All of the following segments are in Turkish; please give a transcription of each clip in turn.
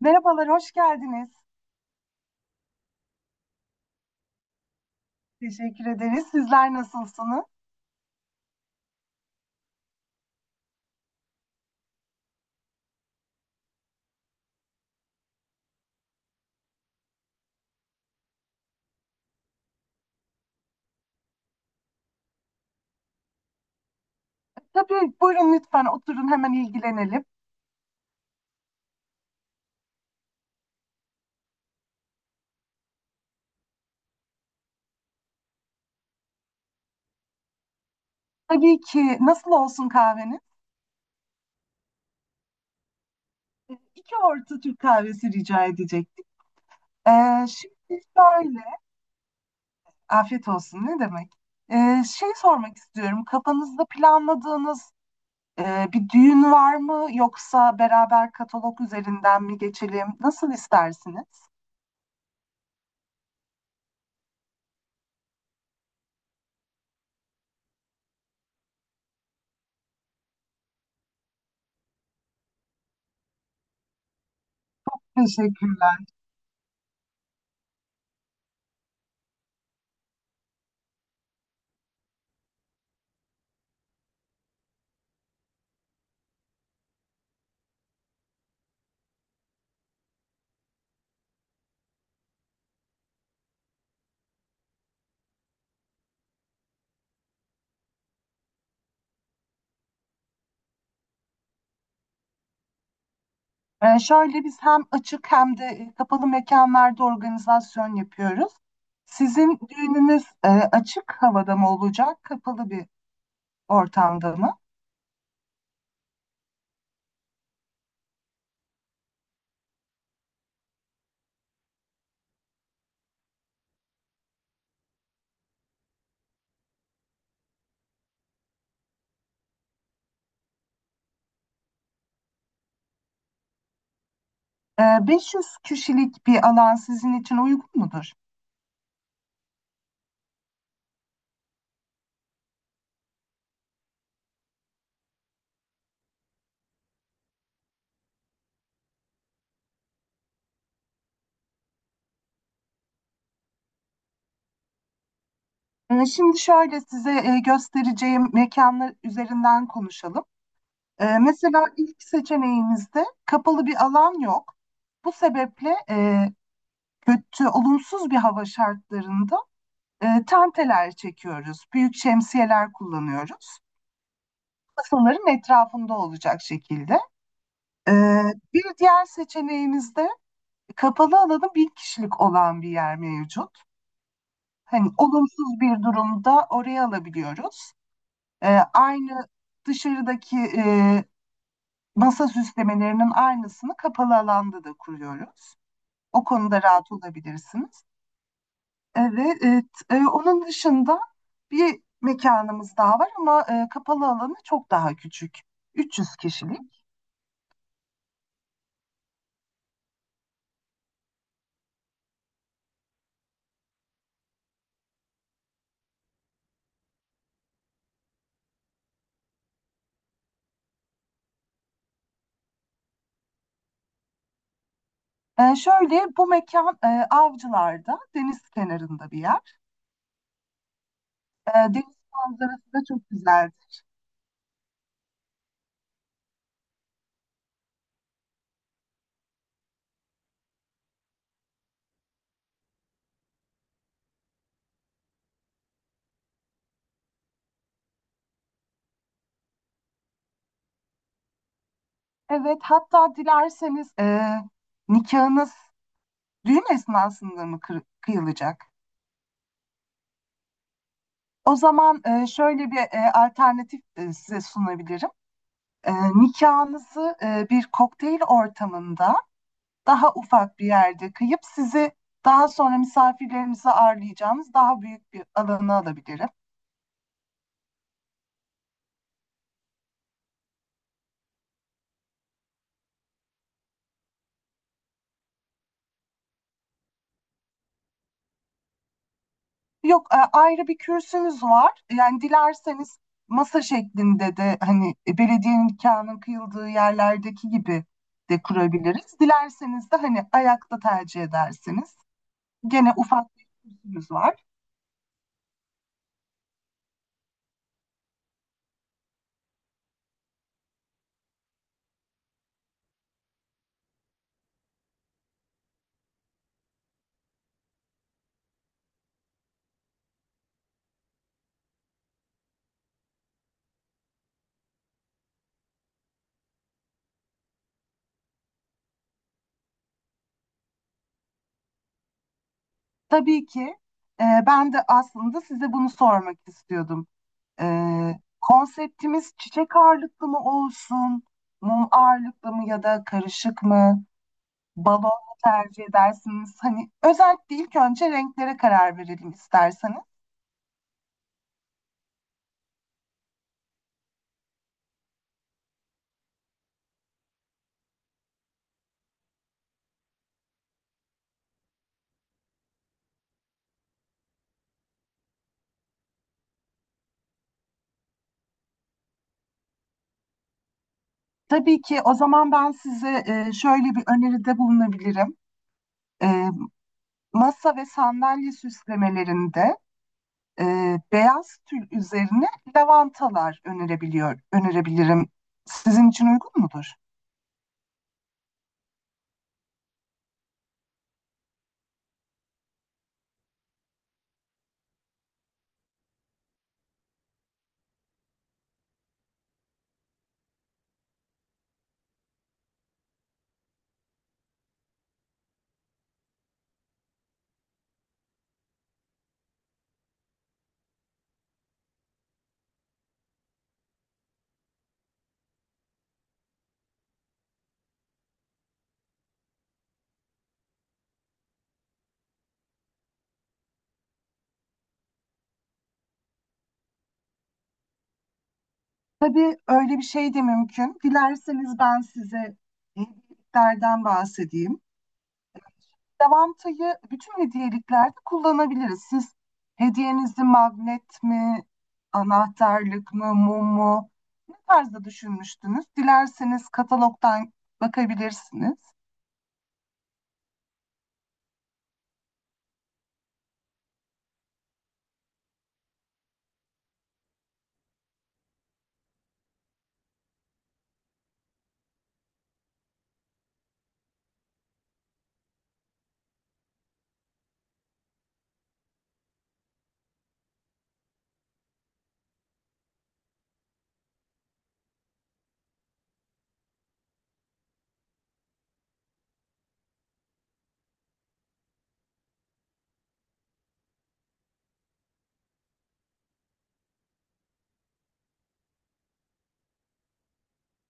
Merhabalar, hoş geldiniz. Teşekkür ederiz. Sizler nasılsınız? Tabii buyurun, lütfen oturun, hemen ilgilenelim. Tabii ki, nasıl olsun kahveniz? İki orta Türk kahvesi rica edecektik. Ee, Şimdi şöyle, afiyet olsun ne demek? Şey sormak istiyorum, kafanızda planladığınız bir düğün var mı? Yoksa beraber katalog üzerinden mi geçelim? Nasıl istersiniz? Teşekkür. Şöyle biz hem açık hem de kapalı mekanlarda organizasyon yapıyoruz. Sizin düğününüz açık havada mı olacak, kapalı bir ortamda mı? 500 kişilik bir alan sizin için uygun mudur? Şimdi şöyle, size göstereceğim mekanlar üzerinden konuşalım. Mesela ilk seçeneğimizde kapalı bir alan yok. Bu sebeple kötü, olumsuz bir hava şartlarında tanteler çekiyoruz, büyük şemsiyeler kullanıyoruz. Masaların etrafında olacak şekilde. E, Bir diğer seçeneğimizde kapalı alanı 1000 kişilik olan bir yer mevcut. Hani olumsuz bir durumda oraya alabiliyoruz. E, Aynı dışarıdaki masa süslemelerinin aynısını kapalı alanda da kuruyoruz. O konuda rahat olabilirsiniz. Evet, onun dışında bir mekanımız daha var ama kapalı alanı çok daha küçük. 300 kişilik. Şöyle, bu mekan Avcılar'da, deniz kenarında bir yer. Deniz manzarası da çok güzel. Evet, hatta dilerseniz nikahınız düğün esnasında mı kıyılacak? O zaman şöyle bir alternatif size sunabilirim. Nikahınızı bir kokteyl ortamında daha ufak bir yerde kıyıp, sizi daha sonra misafirlerimizi ağırlayacağımız daha büyük bir alana alabilirim. Yok, ayrı bir kürsümüz var. Yani dilerseniz masa şeklinde de, hani belediyenin nikahının kıyıldığı yerlerdeki gibi de kurabiliriz. Dilerseniz de hani ayakta tercih edersiniz. Gene ufak bir kürsümüz var. Tabii ki, ben de aslında size bunu sormak istiyordum. Ee, Konseptimiz çiçek ağırlıklı mı olsun, mum ağırlıklı mı, ya da karışık mı, balon mu tercih edersiniz? Hani özellikle ilk önce renklere karar verelim isterseniz. Tabii ki, o zaman ben size şöyle bir öneride bulunabilirim. E, Masa ve sandalye süslemelerinde e, beyaz tül üzerine lavantalar önerebilirim. Sizin için uygun mudur? Tabii, öyle bir şey de mümkün. Dilerseniz ben size hediyeliklerden bahsedeyim. Davantayı bütün hediyeliklerde kullanabiliriz. Siz hediyenizi magnet mi, anahtarlık mı, mum mu, ne tarzda düşünmüştünüz? Dilerseniz katalogdan bakabilirsiniz.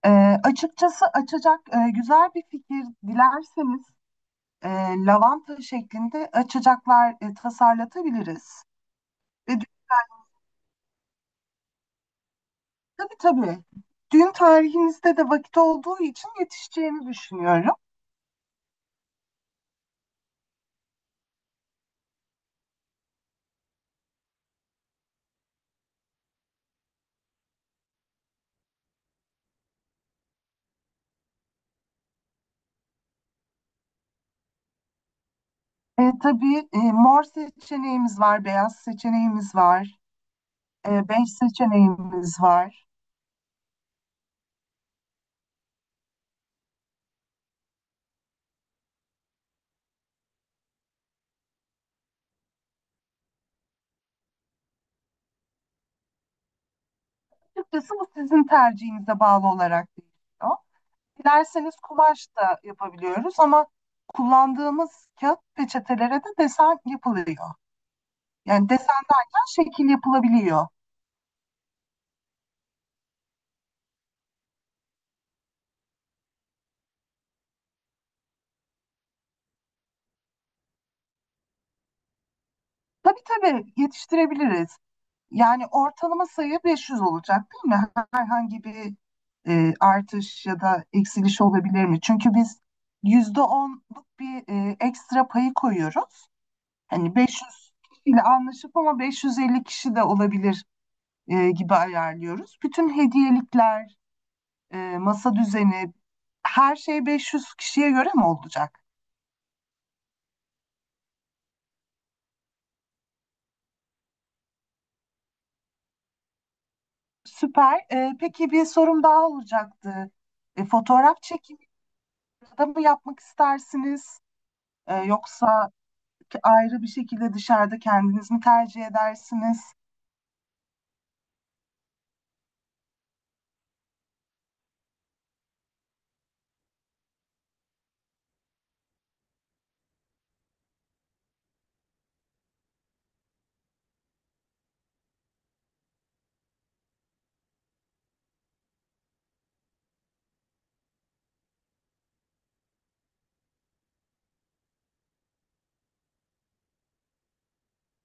Ee, Açıkçası açacak güzel bir fikir. Dilerseniz e, lavanta şeklinde açacaklar tasarlatabiliriz. Ve tabii. Düğün tarihinizde de vakit olduğu için yetişeceğini düşünüyorum. Tabii, mor seçeneğimiz var, beyaz seçeneğimiz var, bej seçeneğimiz var. Açıkçası bu sizin tercihinize bağlı olarak değişiyor. Dilerseniz kumaş da yapabiliyoruz ama kullandığımız kağıt peçetelere de desen yapılıyor. Yani desen derken şekil yapılabiliyor. Tabii, yetiştirebiliriz. Yani ortalama sayı 500 olacak, değil mi? Herhangi bir artış ya da eksiliş olabilir mi? Çünkü biz %10'luk bir ekstra payı koyuyoruz. Hani 500 kişiyle anlaşıp ama 550 kişi de olabilir gibi ayarlıyoruz. Bütün hediyelikler, masa düzeni, her şey 500 kişiye göre mi olacak? Süper. Peki bir sorum daha olacaktı. Fotoğraf çekimi da mı yapmak istersiniz? Yoksa ayrı bir şekilde dışarıda kendiniz mi tercih edersiniz?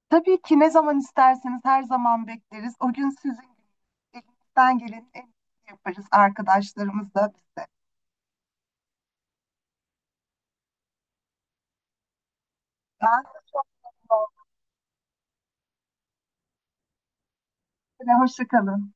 Tabii ki, ne zaman isterseniz her zaman bekleriz. O gün sizin elinizden gelenin en iyisini yaparız arkadaşlarımızla biz de. Ben, hoşça kalın.